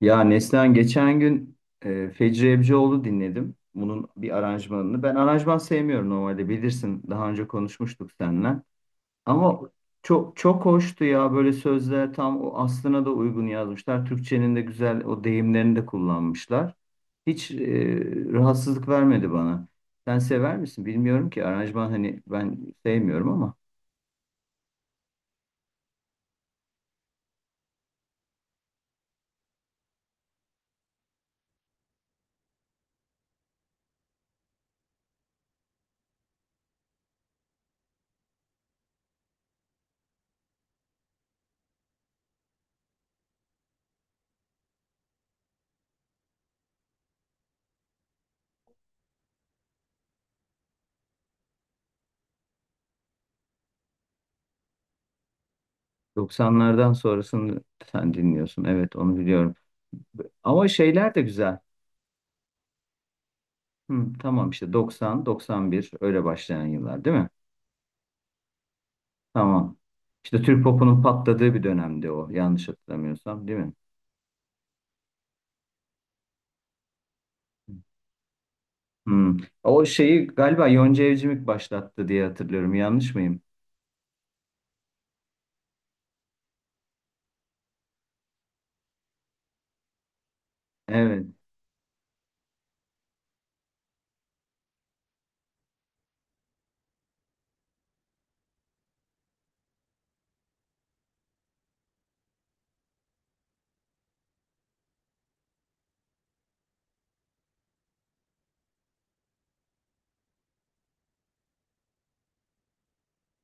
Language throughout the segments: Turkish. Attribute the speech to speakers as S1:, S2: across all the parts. S1: Ya Neslihan geçen gün Fecri Ebcioğlu dinledim. Bunun bir aranjmanını. Ben aranjman sevmiyorum normalde bilirsin. Daha önce konuşmuştuk seninle. Ama çok hoştu ya, böyle sözler tam o aslına da uygun yazmışlar. Türkçenin de güzel o deyimlerini de kullanmışlar. Hiç rahatsızlık vermedi bana. Sen sever misin? Bilmiyorum ki aranjman, hani ben sevmiyorum ama 90'lardan sonrasını sen dinliyorsun. Evet, onu biliyorum. Ama şeyler de güzel. Hı, tamam işte 90, 91 öyle başlayan yıllar değil mi? Tamam. İşte Türk popunun patladığı bir dönemdi o, yanlış hatırlamıyorsam değil mi? Hı. O şeyi galiba Yonca Evcimik başlattı diye hatırlıyorum, yanlış mıyım? Evet.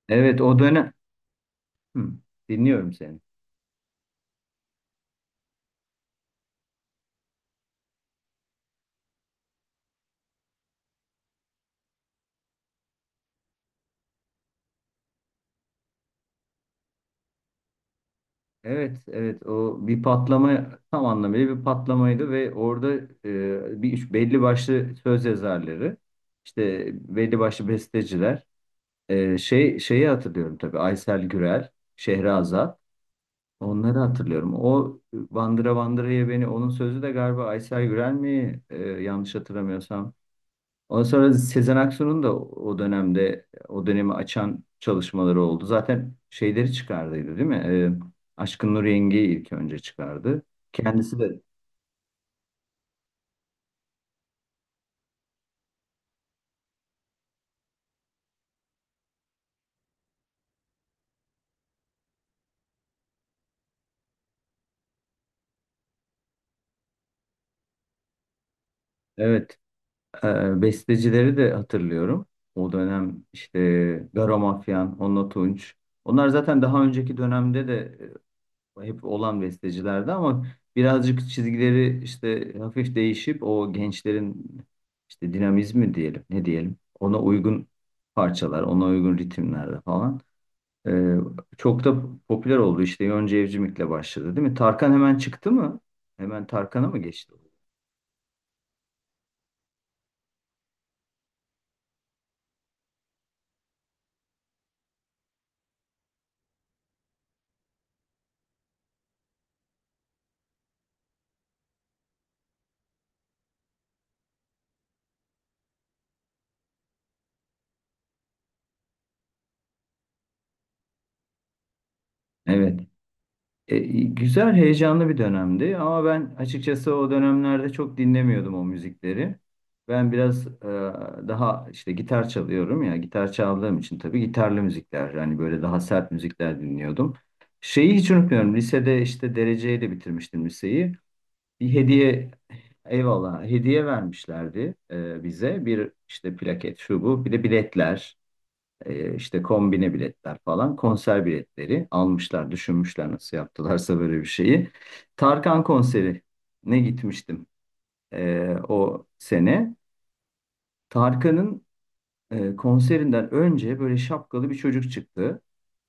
S1: Evet, o dönem. Hı, dinliyorum seni. Evet, evet, o bir patlama, tam anlamıyla bir patlamaydı ve orada bir belli başlı söz yazarları, işte belli başlı besteciler. Şeyi hatırlıyorum tabii, Aysel Gürel, Şehrazat, onları hatırlıyorum. O Bandıra Bandıra'ya beni, onun sözü de galiba Aysel Gürel mi, yanlış hatırlamıyorsam. Ondan sonra Sezen Aksu'nun da o dönemde o dönemi açan çalışmaları oldu. Zaten şeyleri çıkardıydı değil mi? Aşkın Nur Yengi'yi ilk önce çıkardı. Kendisi de evet. Bestecileri de hatırlıyorum. O dönem işte Garo Mafyan, Onno Tunç. Onlar zaten daha önceki dönemde de hep olan bestecilerdi ama birazcık çizgileri işte hafif değişip o gençlerin işte dinamizmi diyelim, ne diyelim, ona uygun parçalar, ona uygun ritimlerde falan. Ee, Çok da popüler oldu işte, Yonca Evcimik'le başladı değil mi? Tarkan hemen çıktı mı? Hemen Tarkan'a mı geçti? Evet. E, güzel, heyecanlı bir dönemdi ama ben açıkçası o dönemlerde çok dinlemiyordum o müzikleri. Ben biraz daha işte gitar çalıyorum ya, gitar çaldığım için tabii gitarlı müzikler, yani böyle daha sert müzikler dinliyordum. Şeyi hiç unutmuyorum, lisede işte dereceyle bitirmiştim liseyi. Bir hediye, eyvallah, hediye vermişlerdi bize. Bir işte plaket, şu bu, bir de biletler. İşte kombine biletler falan, konser biletleri almışlar, düşünmüşler nasıl yaptılarsa böyle bir şeyi. Tarkan konseri ne gitmiştim o sene. Tarkan'ın konserinden önce böyle şapkalı bir çocuk çıktı.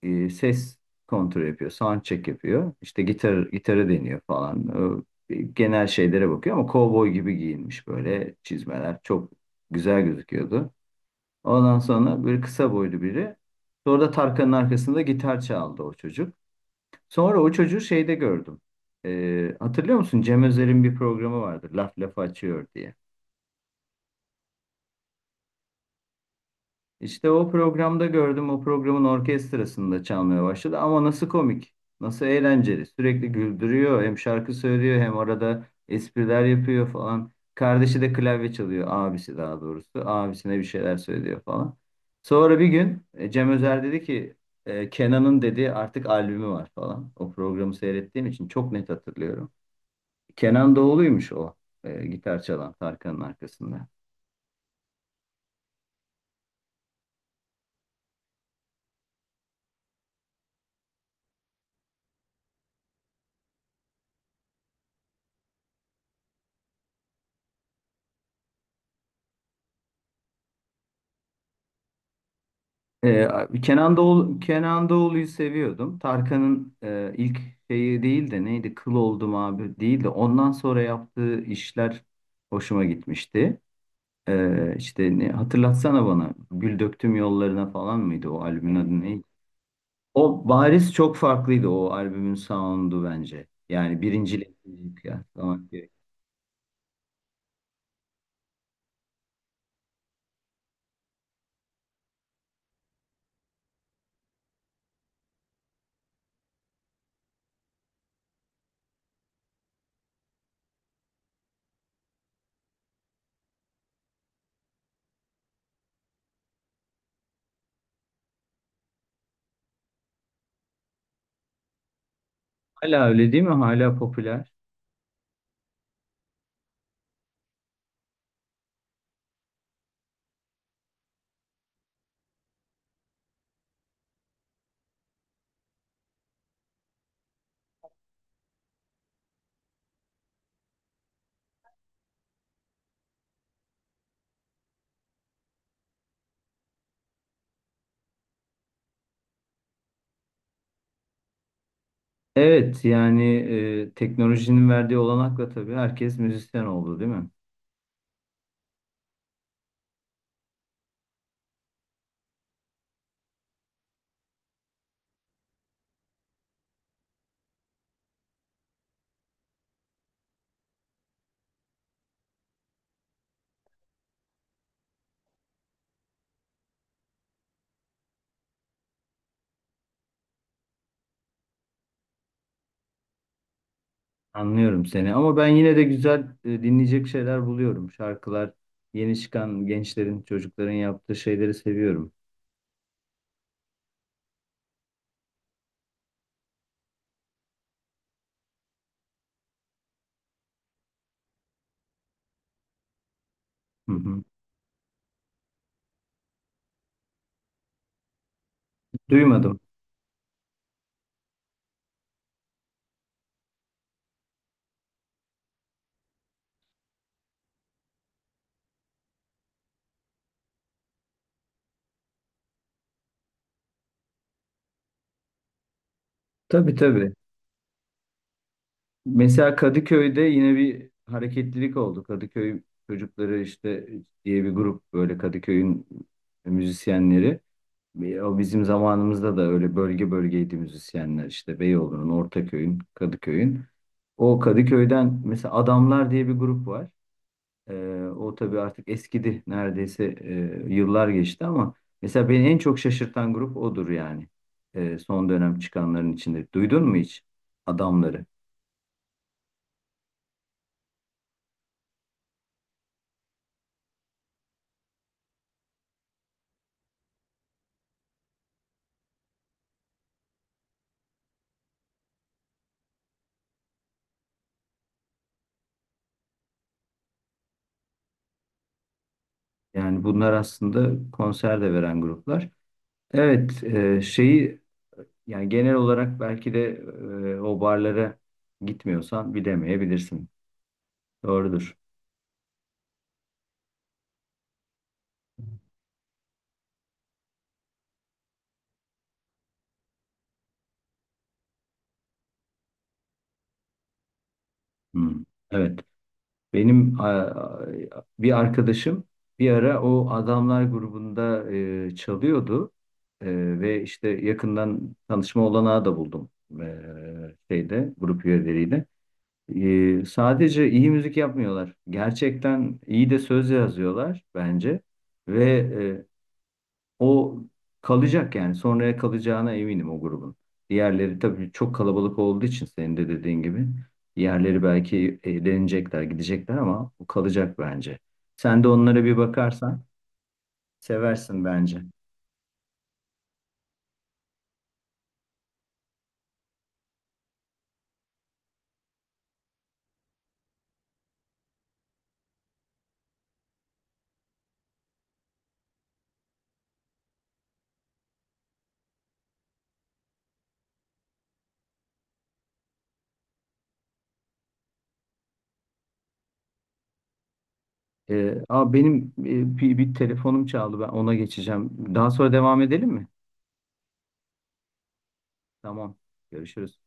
S1: Ses kontrol yapıyor, sound check yapıyor. İşte gitarı deniyor falan. Genel şeylere bakıyor ama kovboy gibi giyinmiş, böyle çizmeler çok güzel gözüküyordu. Ondan sonra böyle kısa boylu biri. Sonra da Tarkan'ın arkasında gitar çaldı o çocuk. Sonra o çocuğu şeyde gördüm. Hatırlıyor musun? Cem Özer'in bir programı vardı. Laf lafı açıyor diye. İşte o programda gördüm, o programın orkestrasında çalmaya başladı. Ama nasıl komik, nasıl eğlenceli. Sürekli güldürüyor, hem şarkı söylüyor, hem arada espriler yapıyor falan. Kardeşi de klavye çalıyor, abisi daha doğrusu. Abisine bir şeyler söylüyor falan. Sonra bir gün Cem Özer dedi ki, Kenan'ın dedi artık albümü var falan. O programı seyrettiğim için çok net hatırlıyorum. Kenan Doğulu'ymuş o, gitar çalan Tarkan'ın arkasında. Ee, Kenan Doğulu'yu seviyordum. Tarkan'ın ilk şeyi değil de neydi? Kıl oldum abi değil de ondan sonra yaptığı işler hoşuma gitmişti. İşte ne, hatırlatsana bana. Gül döktüm yollarına falan mıydı o albümün adı, neydi? O bariz çok farklıydı, o albümün sound'u bence. Yani birincilik kıyaslamak gerek. Hala öyle değil mi? Hala popüler. Evet, yani teknolojinin verdiği olanakla tabii herkes müzisyen oldu değil mi? Anlıyorum seni ama ben yine de güzel dinleyecek şeyler buluyorum. Şarkılar, yeni çıkan gençlerin, çocukların yaptığı şeyleri seviyorum. Hı hı. Duymadım. Tabii tabii. Mesela Kadıköy'de yine bir hareketlilik oldu. Kadıköy çocukları işte diye bir grup, böyle Kadıköy'ün müzisyenleri. O bizim zamanımızda da öyle bölge bölgeydi müzisyenler, işte Beyoğlu'nun, Ortaköy'ün, Kadıköy'ün. O Kadıköy'den mesela Adamlar diye bir grup var. Ee, o tabii artık eskidi. Neredeyse yıllar geçti ama mesela beni en çok şaşırtan grup odur yani. Son dönem çıkanların içinde. Duydun mu hiç adamları? Yani bunlar aslında konser de veren gruplar. Evet, şeyi, yani genel olarak belki de o barlara gitmiyorsan bilemeyebilirsin. Doğrudur. Hmm. Evet. Benim a- Bir arkadaşım bir ara o adamlar grubunda çalıyordu. Ve işte yakından tanışma olanağı da buldum şeyde grup üyeleriyle. Sadece iyi müzik yapmıyorlar. Gerçekten iyi de söz yazıyorlar bence ve e, o kalacak yani. Sonraya kalacağına eminim o grubun. Diğerleri tabii çok kalabalık olduğu için, senin de dediğin gibi. Diğerleri belki eğlenecekler, gidecekler ama o kalacak bence. Sen de onlara bir bakarsan seversin bence. Aa benim bir telefonum çaldı. Ben ona geçeceğim. Daha sonra devam edelim mi? Tamam. Görüşürüz.